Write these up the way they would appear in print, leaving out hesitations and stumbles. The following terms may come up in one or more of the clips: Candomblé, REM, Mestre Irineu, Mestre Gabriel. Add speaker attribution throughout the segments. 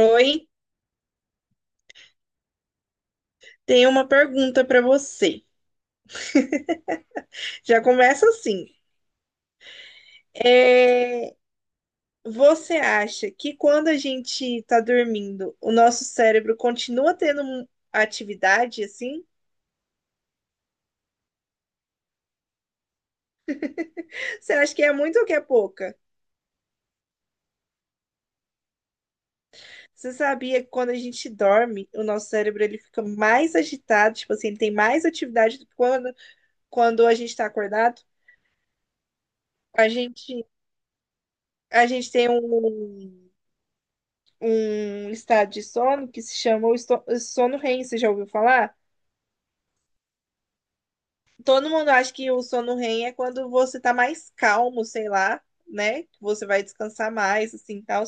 Speaker 1: Oi, tenho uma pergunta para você. Já começa assim. É, você acha que quando a gente está dormindo, o nosso cérebro continua tendo atividade assim? Você acha que é muito ou que é pouca? Você sabia que quando a gente dorme, o nosso cérebro ele fica mais agitado, tipo assim, ele tem mais atividade do que quando a gente está acordado? A gente, a gente tem um estado de sono que se chama o sono REM, você já ouviu falar? Todo mundo acha que o sono REM é quando você tá mais calmo, sei lá, né? Que você vai descansar mais, assim, tal.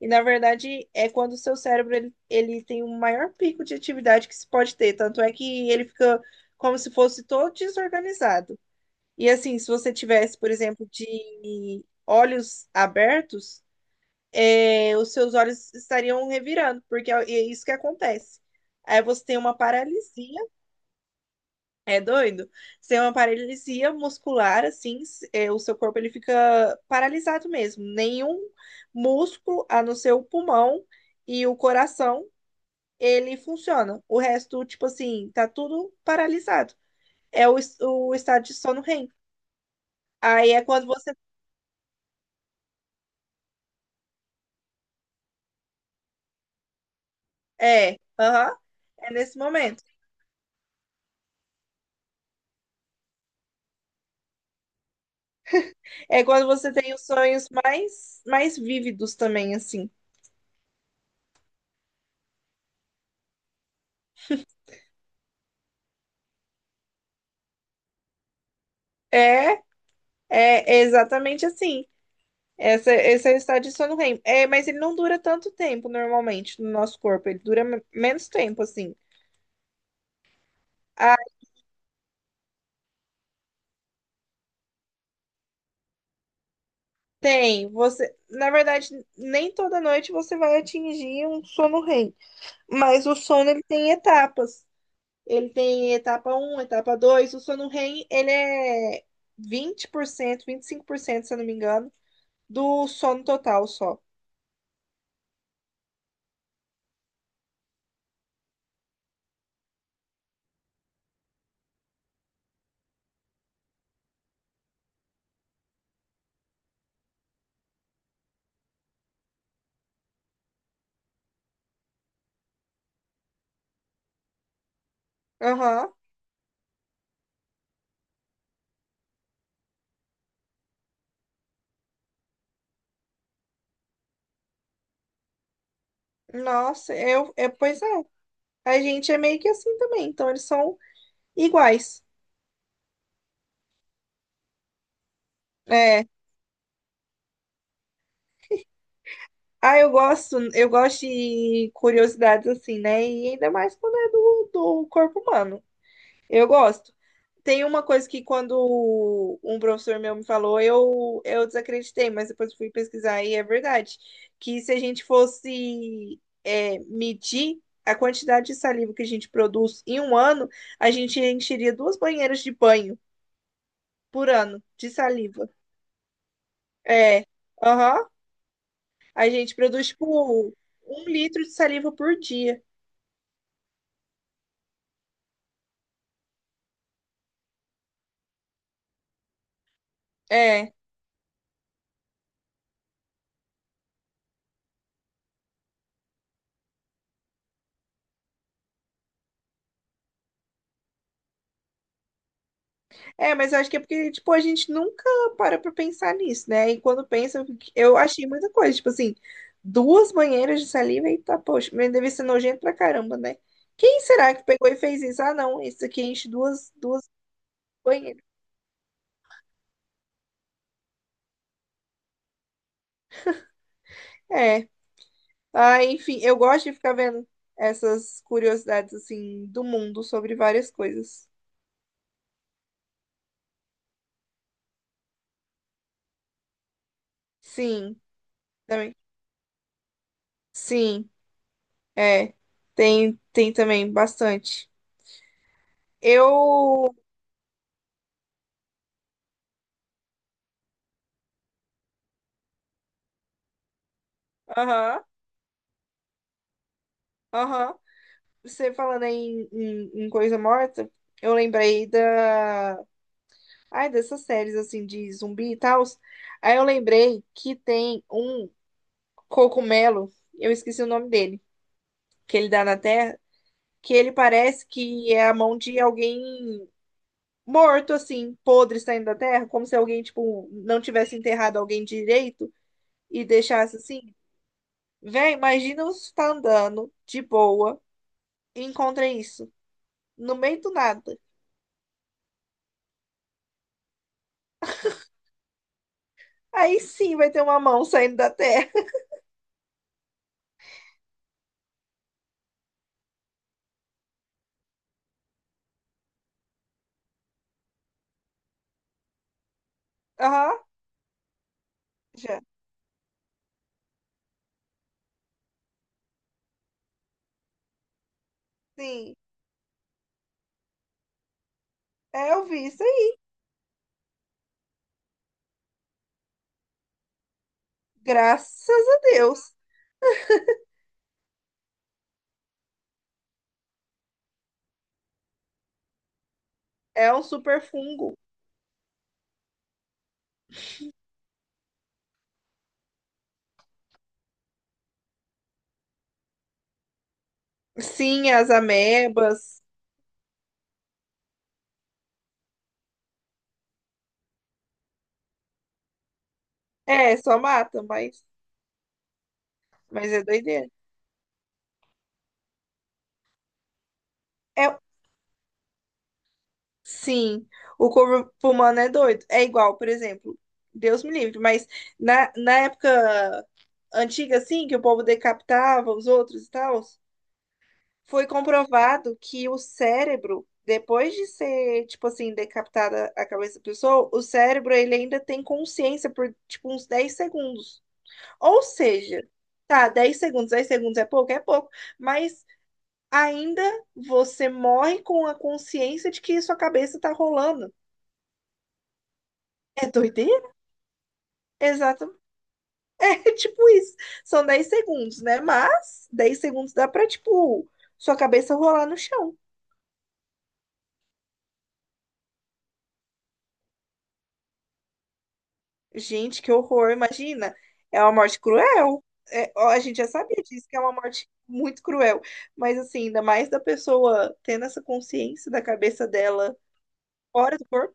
Speaker 1: E na verdade é quando o seu cérebro ele tem o maior pico de atividade que se pode ter, tanto é que ele fica como se fosse todo desorganizado. E assim, se você tivesse, por exemplo, de olhos abertos, é, os seus olhos estariam revirando, porque é isso que acontece. Aí você tem uma paralisia. É doido? Você é uma paralisia muscular, assim, o seu corpo ele fica paralisado mesmo. Nenhum músculo, a não ser o pulmão e o coração, ele funciona. O resto, tipo assim, tá tudo paralisado. É o estado de sono REM. Aí é quando você. Aham, é nesse momento. É quando você tem os sonhos mais vívidos também, assim. É, é exatamente assim. Esse é o estado de sono REM. É, mas ele não dura tanto tempo normalmente no nosso corpo. Ele dura menos tempo, assim. Ah, tem. Você, na verdade, nem toda noite você vai atingir um sono REM. Mas o sono ele tem etapas. Ele tem etapa um, etapa dois. O sono REM ele é vinte por cento, 25% se eu não me engano, do sono total só. Aham. Nossa, pois é. A gente é meio que assim também. Então eles são iguais. é Ah, eu gosto de curiosidades assim, né? E ainda mais quando é do corpo humano. Eu gosto. Tem uma coisa que quando um professor meu me falou, eu desacreditei, mas depois fui pesquisar e é verdade. Que se a gente fosse medir a quantidade de saliva que a gente produz em um ano, a gente encheria duas banheiras de banho por ano de saliva. É, aham. A gente produz, tipo, 1 litro de saliva por dia. É, é, mas eu acho que é porque, tipo, a gente nunca para pra pensar nisso, né? E quando pensa, eu achei muita coisa, tipo assim, duas banheiras de saliva e tá, poxa, mas deve ser nojento pra caramba, né? Quem será que pegou e fez isso? Ah, não, isso aqui enche duas banheiras. É, enfim, eu gosto de ficar vendo essas curiosidades, assim, do mundo sobre várias coisas. Sim, também. Sim, é, tem também bastante. Eu, aham, aham. Você falando aí em coisa morta, eu lembrei ai, dessas séries assim de zumbi e tal. Aí eu lembrei que tem um cogumelo, eu esqueci o nome dele, que ele dá na terra, que ele parece que é a mão de alguém morto assim, podre saindo da terra, como se alguém tipo não tivesse enterrado alguém direito e deixasse assim. Véi, imagina você tá andando de boa e encontra isso no meio do nada. Aí sim vai ter uma mão saindo da terra. Aham, já. Sim. É, eu vi isso aí. Graças a Deus. É um super fungo. Sim, as amebas. É, só mata, mas, é doideira. É, sim, o corpo humano é doido. É igual, por exemplo, Deus me livre, mas na época antiga, assim, que o povo decapitava os outros e tal. Foi comprovado que o cérebro, depois de ser, tipo assim, decapitada a cabeça da pessoa, o cérebro ele ainda tem consciência por, tipo, uns 10 segundos. Ou seja, tá, 10 segundos, 10 segundos é pouco, mas ainda você morre com a consciência de que sua cabeça tá rolando. É doideira? Exato. É tipo isso. São 10 segundos, né? Mas 10 segundos dá pra, tipo, sua cabeça rolar no chão. Gente, que horror, imagina. É uma morte cruel. É, ó, a gente já sabia disso, que é uma morte muito cruel. Mas, assim, ainda mais da pessoa tendo essa consciência da cabeça dela fora do corpo.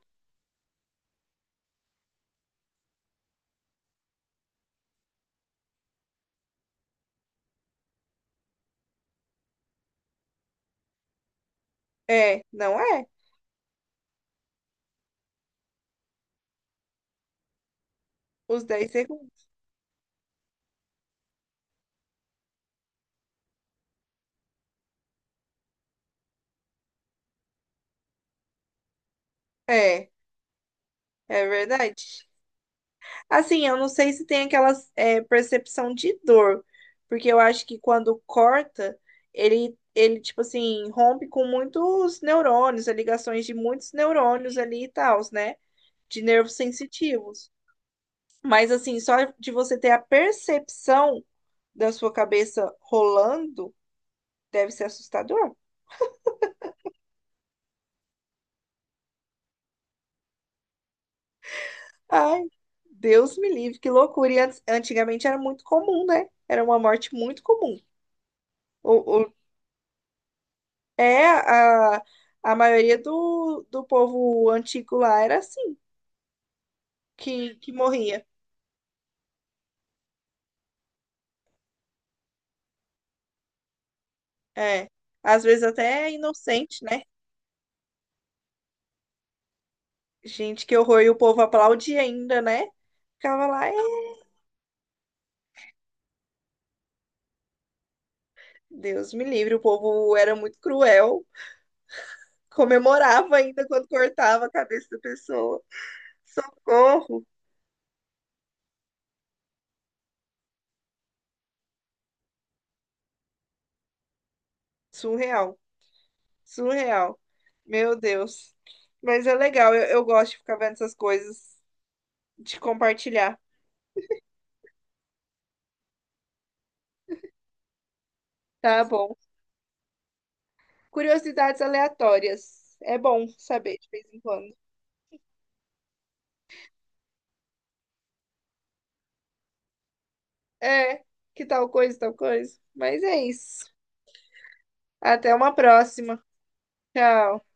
Speaker 1: É, não é? Os 10 segundos. É, é verdade. Assim, eu não sei se tem aquela percepção de dor, porque eu acho que quando corta, ele, tipo assim, rompe com muitos neurônios, as ligações de muitos neurônios ali e tal, né? De nervos sensitivos. Mas assim, só de você ter a percepção da sua cabeça rolando deve ser assustador. Ai, Deus me livre, que loucura. E antigamente era muito comum, né? Era uma morte muito comum. O, o- é a maioria do povo antigo lá era assim, que morria. É. Às vezes até inocente, né? Gente, que horror. E o povo aplaudia ainda, né? Ficava lá, é, Deus me livre, o povo era muito cruel. Comemorava ainda quando cortava a cabeça da pessoa. Socorro! Surreal, surreal. Meu Deus. Mas é legal, eu gosto de ficar vendo essas coisas, de compartilhar. Tá bom. Curiosidades aleatórias. É bom saber de vez em quando. É, que tal coisa, tal coisa. Mas é isso. Até uma próxima. Tchau.